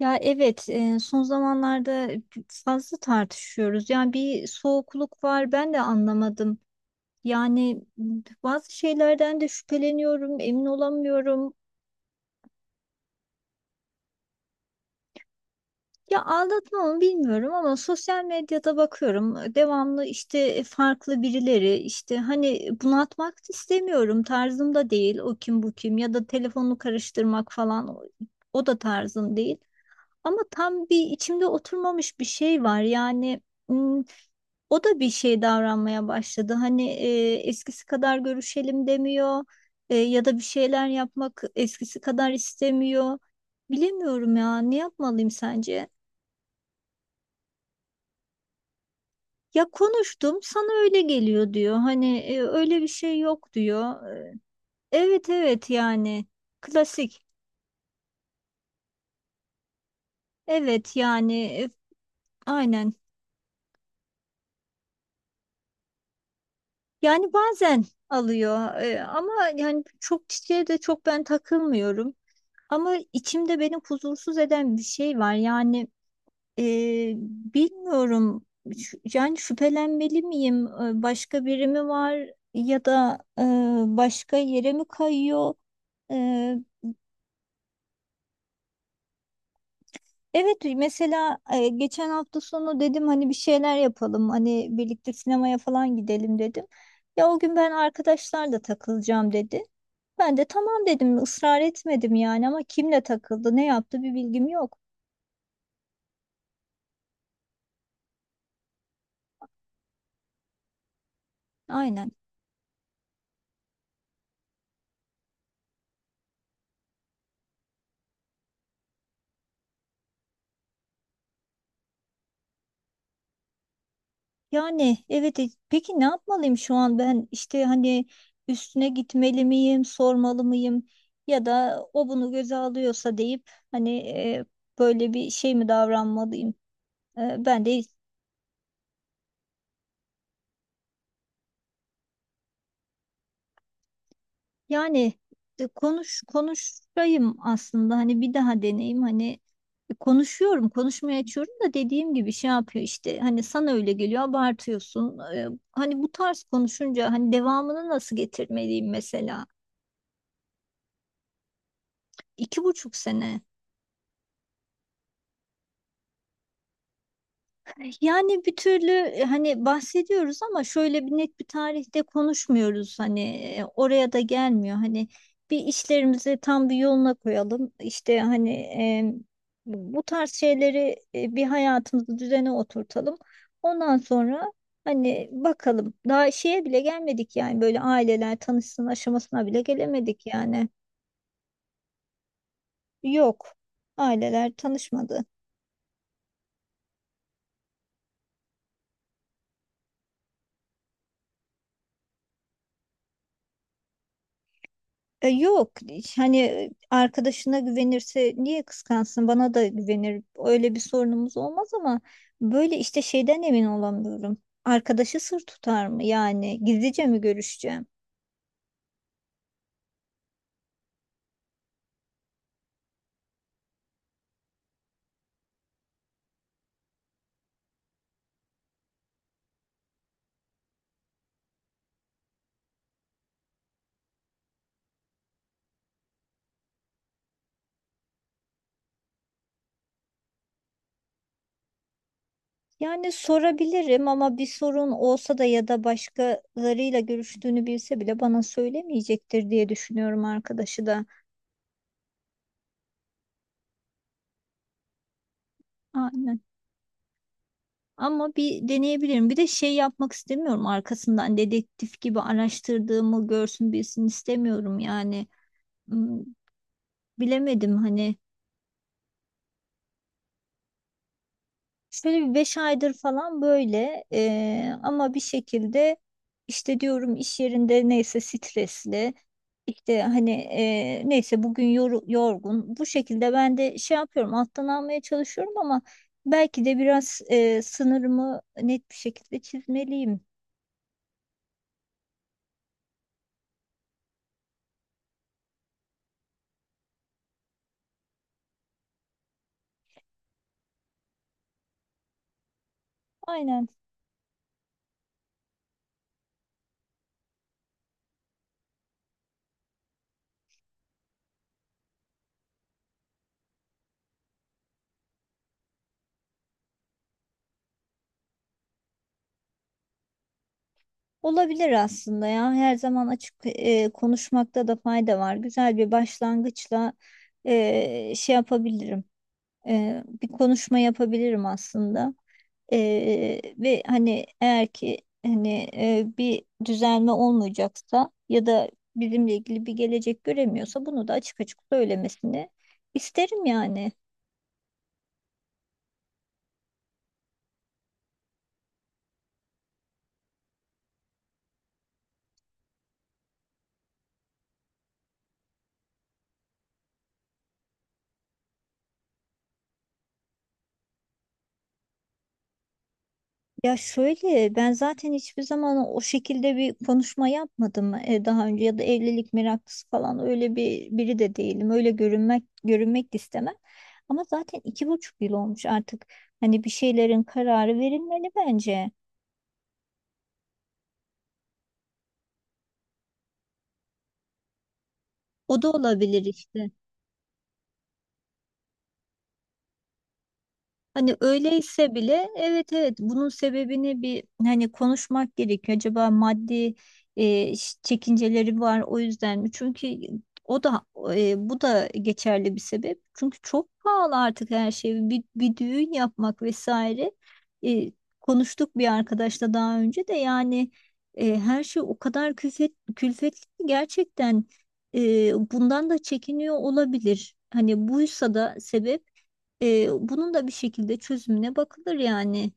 Ya evet son zamanlarda fazla tartışıyoruz. Yani bir soğukluk var, ben de anlamadım. Yani bazı şeylerden de şüpheleniyorum, emin olamıyorum. Ya aldatma mı bilmiyorum ama sosyal medyada bakıyorum. Devamlı işte farklı birileri, işte hani bunaltmak da istemiyorum. Tarzım da değil, o kim bu kim, ya da telefonu karıştırmak falan, o da tarzım değil. Ama tam bir içimde oturmamış bir şey var. Yani m, o da bir şey davranmaya başladı. Hani eskisi kadar görüşelim demiyor. Ya da bir şeyler yapmak eskisi kadar istemiyor. Bilemiyorum ya, ne yapmalıyım sence? Ya konuştum, sana öyle geliyor diyor. Hani öyle bir şey yok diyor. Evet, evet, yani klasik. Evet yani, aynen. Yani bazen alıyor ama yani çok çiçeğe de çok ben takılmıyorum. Ama içimde beni huzursuz eden bir şey var. Yani e, bilmiyorum. Yani şüphelenmeli miyim? Başka biri mi var, ya da başka yere mi kayıyor? E, evet mesela, geçen hafta sonu dedim hani bir şeyler yapalım. Hani birlikte sinemaya falan gidelim dedim. Ya o gün ben arkadaşlarla takılacağım dedi. Ben de tamam dedim, ısrar etmedim yani, ama kimle takıldı, ne yaptı bir bilgim yok. Aynen. Yani evet, peki ne yapmalıyım şu an ben, işte hani üstüne gitmeli miyim, sormalı mıyım, ya da o bunu göze alıyorsa deyip hani böyle bir şey mi davranmalıyım? Ben de yani, konuşayım aslında, hani bir daha deneyim hani. Konuşuyorum, konuşmaya açıyorum da dediğim gibi şey yapıyor işte, hani sana öyle geliyor abartıyorsun. Hani bu tarz konuşunca hani devamını nasıl getirmeliyim mesela? 2,5 sene. Yani bir türlü hani bahsediyoruz ama şöyle bir net bir tarihte konuşmuyoruz, hani oraya da gelmiyor hani, bir işlerimizi tam bir yoluna koyalım, işte hani bu tarz şeyleri, bir hayatımızı düzene oturtalım ondan sonra, hani bakalım, daha şeye bile gelmedik yani, böyle aileler tanışsın aşamasına bile gelemedik yani. Yok, aileler tanışmadı. Yok, hani arkadaşına güvenirse niye kıskansın, bana da güvenir, öyle bir sorunumuz olmaz ama böyle işte şeyden emin olamıyorum, arkadaşı sır tutar mı, yani gizlice mi görüşeceğim, yani sorabilirim ama bir sorun olsa da ya da başkalarıyla görüştüğünü bilse bile bana söylemeyecektir diye düşünüyorum, arkadaşı da aynen, ama bir deneyebilirim, bir de şey yapmak istemiyorum arkasından, dedektif gibi araştırdığımı görsün bilsin istemiyorum yani. Hmm, Bilemedim hani. Şöyle bir 5 aydır falan böyle, ama bir şekilde işte diyorum, iş yerinde neyse stresli, işte hani neyse bugün yorgun, bu şekilde ben de şey yapıyorum, alttan almaya çalışıyorum ama belki de biraz sınırımı net bir şekilde çizmeliyim. Aynen, olabilir aslında ya, her zaman açık konuşmakta da fayda var, güzel bir başlangıçla şey yapabilirim. Bir konuşma yapabilirim aslında. Ve hani eğer ki hani, bir düzelme olmayacaksa ya da bizimle ilgili bir gelecek göremiyorsa bunu da açık açık söylemesini isterim yani. Ya şöyle, ben zaten hiçbir zaman o şekilde bir konuşma yapmadım daha önce, ya da evlilik meraklısı falan öyle bir biri de değilim. Öyle görünmek de istemem. Ama zaten 2,5 yıl olmuş artık. Hani bir şeylerin kararı verilmeli bence. O da olabilir işte. Hani öyleyse bile, evet, evet, bunun sebebini bir hani konuşmak gerekiyor. Acaba maddi çekinceleri var, o yüzden mi? Çünkü o da, bu da geçerli bir sebep. Çünkü çok pahalı artık her şey. Bir düğün yapmak vesaire. E, Konuştuk bir arkadaşla daha önce de, yani her şey o kadar külfetli ki gerçekten, e, bundan da çekiniyor olabilir. Hani buysa da sebep. Bunun da bir şekilde çözümüne bakılır yani.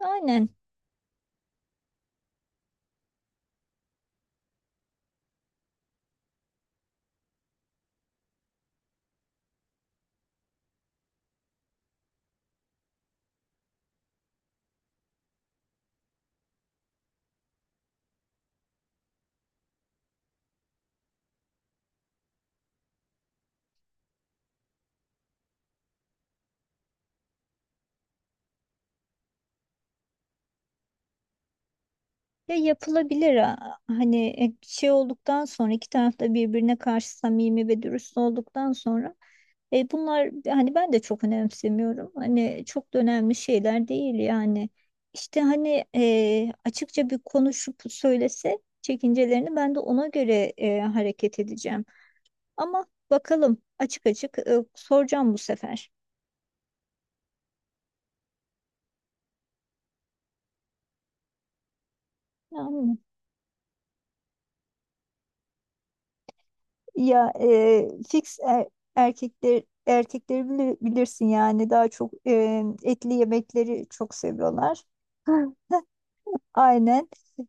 Aynen. Ya yapılabilir, hani şey olduktan sonra, iki tarafta birbirine karşı samimi ve dürüst olduktan sonra bunlar, hani ben de çok önemsemiyorum. Hani çok da önemli şeyler değil yani. İşte hani açıkça bir konuşup söylese çekincelerini, ben de ona göre hareket edeceğim. Ama bakalım, açık açık soracağım bu sefer. Yani. Ya fix erkekler erkekleri bilirsin yani, daha çok etli yemekleri çok seviyorlar. Aynen.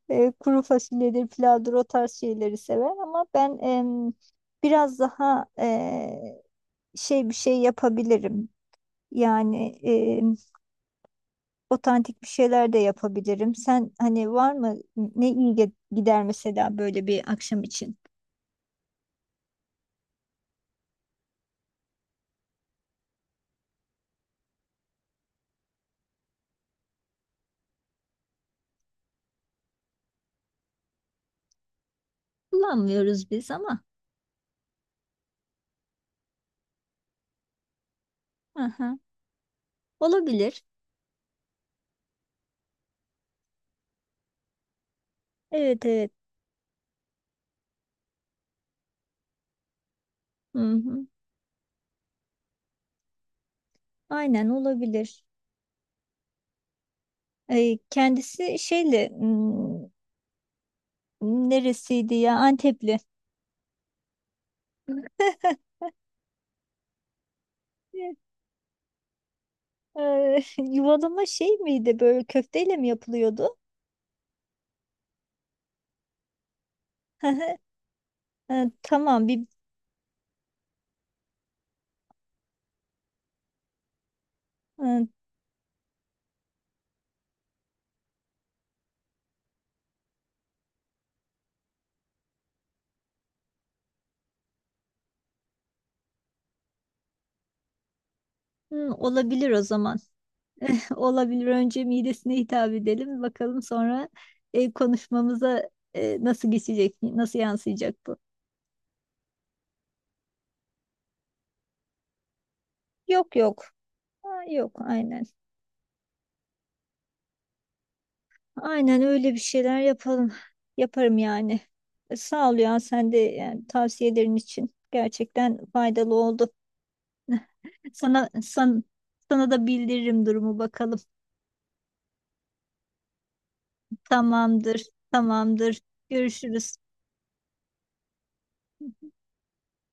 Kuru fasulyedir, pilavdır, o tarz şeyleri sever ama ben biraz daha şey bir şey yapabilirim. Yani otantik bir şeyler de yapabilirim. Sen hani var mı ne iyi gider mesela böyle bir akşam için? Kullanmıyoruz biz ama. Aha. Olabilir. Evet, evet. Hı hı. Aynen, olabilir. Kendisi şeyli, neresiydi ya, Antepli. Yuvalama şey miydi, böyle köfteyle mi yapılıyordu? Tamam, bir e, hı, olabilir o zaman. Olabilir, önce midesine hitap edelim, bakalım sonra konuşmamıza nasıl geçecek, nasıl yansıyacak bu? Yok, yok. Ha, yok, aynen. Aynen, öyle bir şeyler yapalım. Yaparım yani. Sağ ol ya, sen de yani tavsiyelerin için gerçekten faydalı oldu. Sana san- sana da bildiririm durumu, bakalım. Tamamdır. Tamamdır. Görüşürüz.